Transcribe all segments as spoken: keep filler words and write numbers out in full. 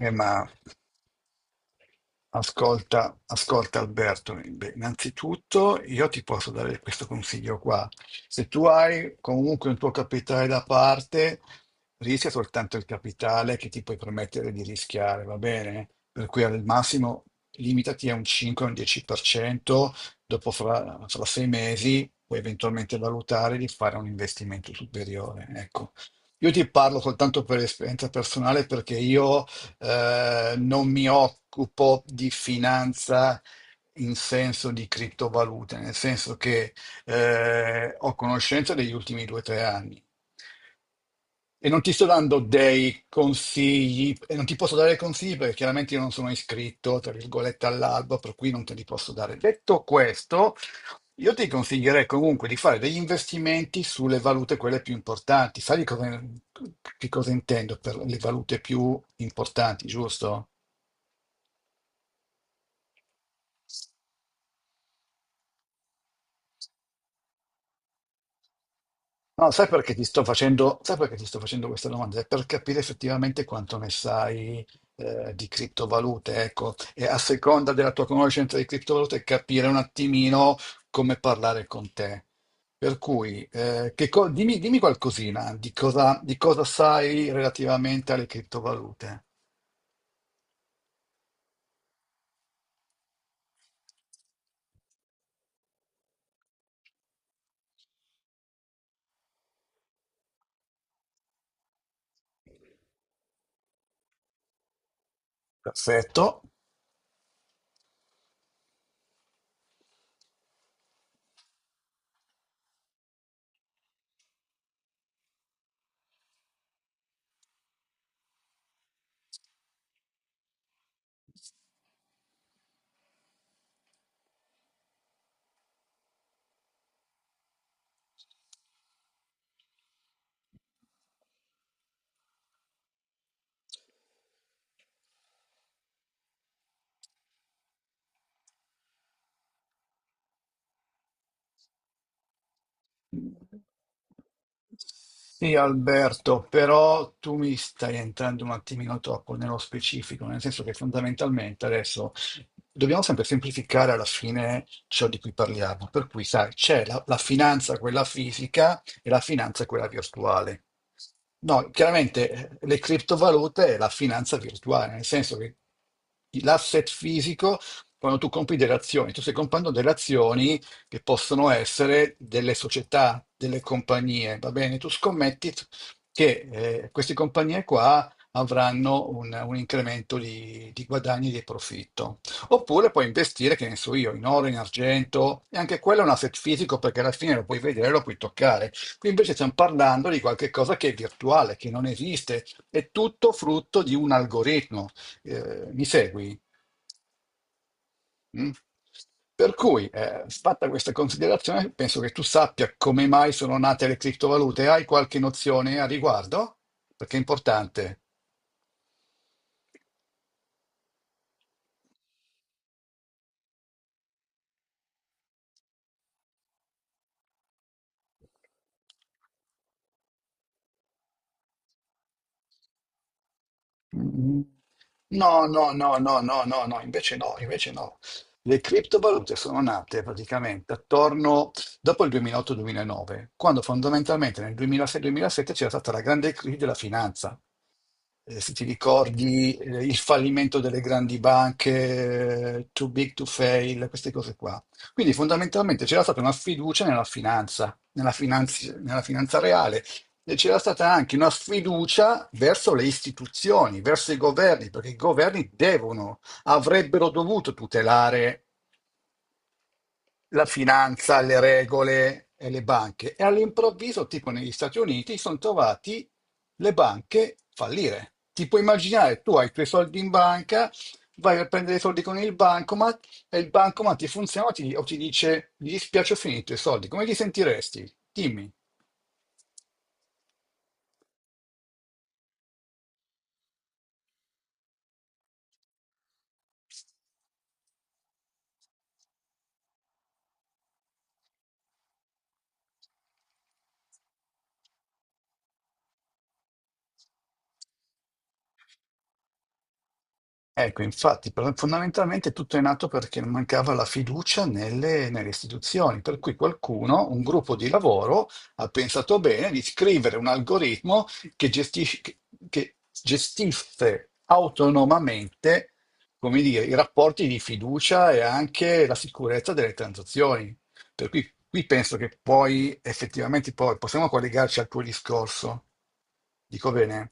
Eh, ma ascolta, ascolta Alberto, beh, innanzitutto io ti posso dare questo consiglio qua. Se tu hai comunque un tuo capitale da parte, rischia soltanto il capitale che ti puoi permettere di rischiare, va bene? Per cui al massimo limitati a un cinque o un dieci per cento, dopo fra, fra sei mesi puoi eventualmente valutare di fare un investimento superiore. Ecco. Io ti parlo soltanto per esperienza personale perché io eh, non mi occupo di finanza in senso di criptovalute, nel senso che eh, ho conoscenza degli ultimi due o tre anni. E non ti sto dando dei consigli, e non ti posso dare consigli perché chiaramente io non sono iscritto, tra virgolette, all'albo, per cui non te li posso dare. Detto questo, io ti consiglierei comunque di fare degli investimenti sulle valute quelle più importanti. Sai di cosa, che cosa intendo per le valute più importanti, giusto? No, sai perché ti sto facendo, sai perché ti sto facendo questa domanda? È per capire effettivamente quanto ne sai eh, di criptovalute, ecco, e a seconda della tua conoscenza di criptovalute capire un attimino come parlare con te. Per cui, eh, che co- dimmi, dimmi qualcosina di cosa, di cosa sai relativamente alle criptovalute. Perfetto. Sì, Alberto, però tu mi stai entrando un attimino troppo nello specifico, nel senso che fondamentalmente adesso dobbiamo sempre semplificare alla fine ciò di cui parliamo. Per cui, sai, c'è la, la finanza, quella fisica, e la finanza, quella virtuale. No, chiaramente eh, le criptovalute è la finanza virtuale, nel senso che l'asset fisico, quando tu compri delle azioni, tu stai comprando delle azioni che possono essere delle società, delle compagnie, va bene? Tu scommetti che eh, queste compagnie qua avranno un, un incremento di, di guadagni e di profitto. Oppure puoi investire, che ne so io, in oro, in argento, e anche quello è un asset fisico perché alla fine lo puoi vedere, lo puoi toccare. Qui invece stiamo parlando di qualcosa che è virtuale, che non esiste, è tutto frutto di un algoritmo. Eh, mi segui? Mm? Per cui, eh, fatta questa considerazione, penso che tu sappia come mai sono nate le criptovalute. Hai qualche nozione a riguardo? Perché è importante. Mm. No, no, no, no, no, no, no, invece no, invece no. Le criptovalute sono nate praticamente attorno dopo il duemilaotto-duemilanove, quando fondamentalmente nel duemilasei-duemilasette c'era stata la grande crisi della finanza. Eh, se ti ricordi, eh, il fallimento delle grandi banche, eh, too big to fail, queste cose qua. Quindi fondamentalmente c'era stata una fiducia nella finanza, nella finanzi- nella finanza reale e c'era stata anche una sfiducia verso le istituzioni, verso i governi, perché i governi devono, avrebbero dovuto tutelare la finanza, le regole e le banche. E all'improvviso, tipo negli Stati Uniti, sono trovati le banche fallire. Ti puoi immaginare, tu hai i tuoi soldi in banca, vai a prendere i soldi con il bancomat e il bancomat ti funziona o ti, o ti dice, mi dispiace, ho finito i soldi. Come ti sentiresti? Dimmi. Ecco, infatti, pro fondamentalmente tutto è nato perché mancava la fiducia nelle nelle istituzioni, per cui qualcuno, un gruppo di lavoro, ha pensato bene di scrivere un algoritmo che gestisce che che gestisse autonomamente, come dire, i rapporti di fiducia e anche la sicurezza delle transazioni. Per cui qui penso che poi effettivamente poi possiamo collegarci al tuo discorso, dico bene?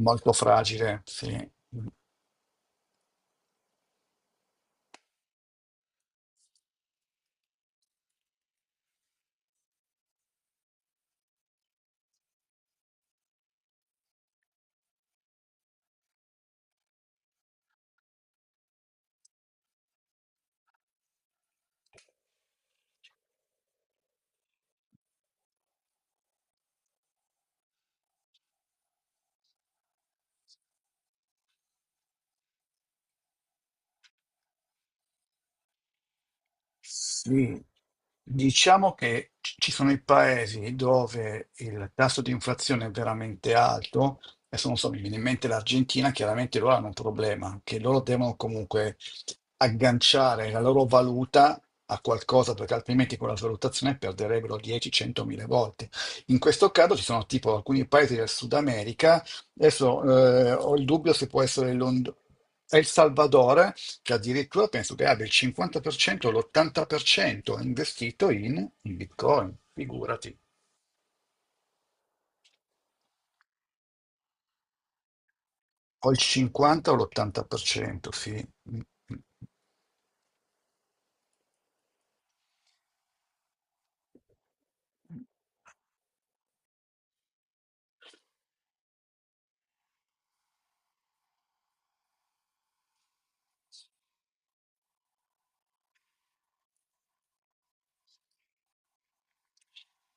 Molto fragile, sì. Mh. Sì. Diciamo che ci ci sono i paesi dove il tasso di inflazione è veramente alto, adesso non so, mi viene in mente l'Argentina, chiaramente loro hanno un problema, che loro devono comunque agganciare la loro valuta a qualcosa, perché altrimenti con la valutazione perderebbero dieci cento mila volte. In questo caso ci sono tipo alcuni paesi del Sud America, adesso eh, ho il dubbio se può essere l'Hond- El Salvador, che addirittura penso che abbia il cinquanta per cento, l'ottanta per cento investito in, in Bitcoin, figurati. O il cinquanta o l'ottanta per cento, sì.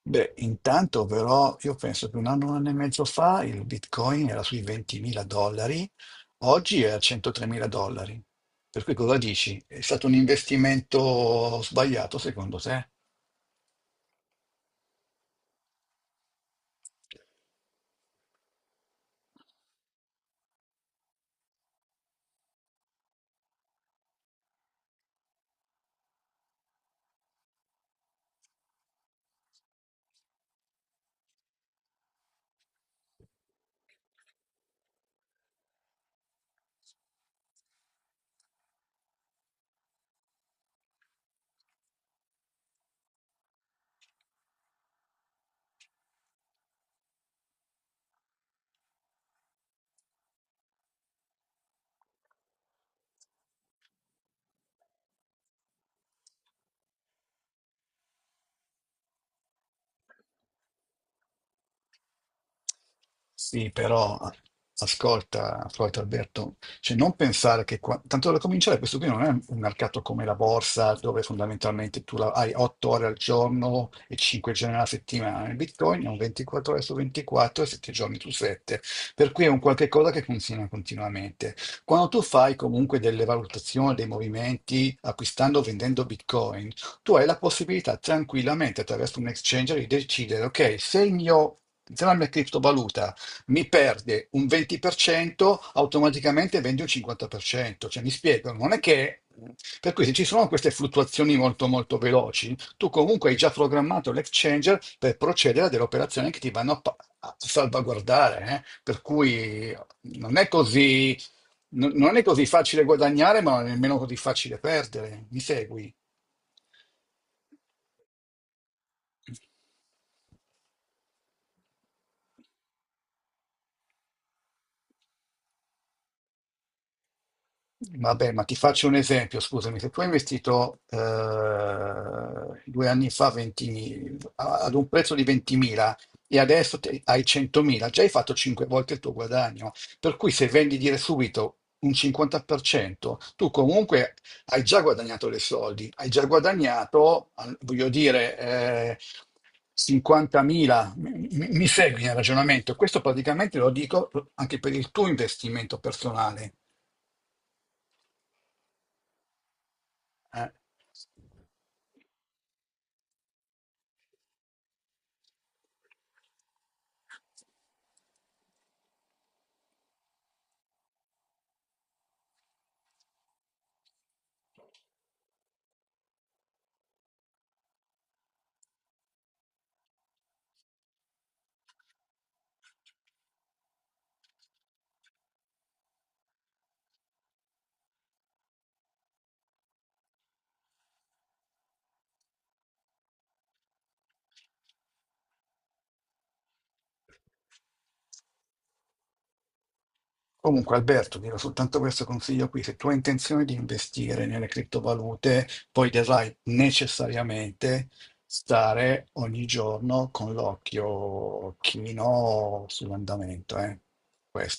Beh, intanto però io penso che un anno, un anno e mezzo fa il Bitcoin era sui ventimila dollari, oggi è a centotremila dollari. Per cui cosa dici? È stato un investimento sbagliato secondo te? Sì, però ascolta, Floyd Alberto, cioè non pensare che qua- tanto da cominciare questo qui non è un mercato come la borsa dove fondamentalmente tu la- hai otto ore al giorno e cinque giorni alla settimana. Il Bitcoin è un ventiquattro ore su ventiquattro e sette giorni su sette, per cui è un qualche cosa che funziona continuamente. Quando tu fai comunque delle valutazioni, dei movimenti acquistando o vendendo Bitcoin, tu hai la possibilità tranquillamente attraverso un exchanger di decidere, ok, se il mio se la mia criptovaluta mi perde un venti per cento, automaticamente vende un cinquanta per cento. Cioè, mi spiego, non è che... Per cui se ci sono queste fluttuazioni molto molto veloci, tu comunque hai già programmato l'exchanger per procedere a delle operazioni che ti vanno a, pa- a salvaguardare, eh. Per cui non è così, non non è così facile guadagnare, ma nemmeno così facile perdere. Mi segui? Vabbè, ma ti faccio un esempio, scusami, se tu hai investito eh, due anni fa venti a- ad un prezzo di ventimila e adesso te- hai centomila, già hai fatto cinque volte il tuo guadagno, per cui se vendi dire subito un cinquanta per cento, tu comunque hai già guadagnato dei soldi, hai già guadagnato, al- voglio dire, eh, cinquantamila, mi, mi mi segui nel ragionamento? Questo praticamente lo dico anche per il tuo investimento personale. Eh, Comunque, Alberto, ti do soltanto questo consiglio qui. Se tu hai intenzione di investire nelle criptovalute, poi dovrai necessariamente stare ogni giorno con l'occhio chino sull'andamento, eh. Questo.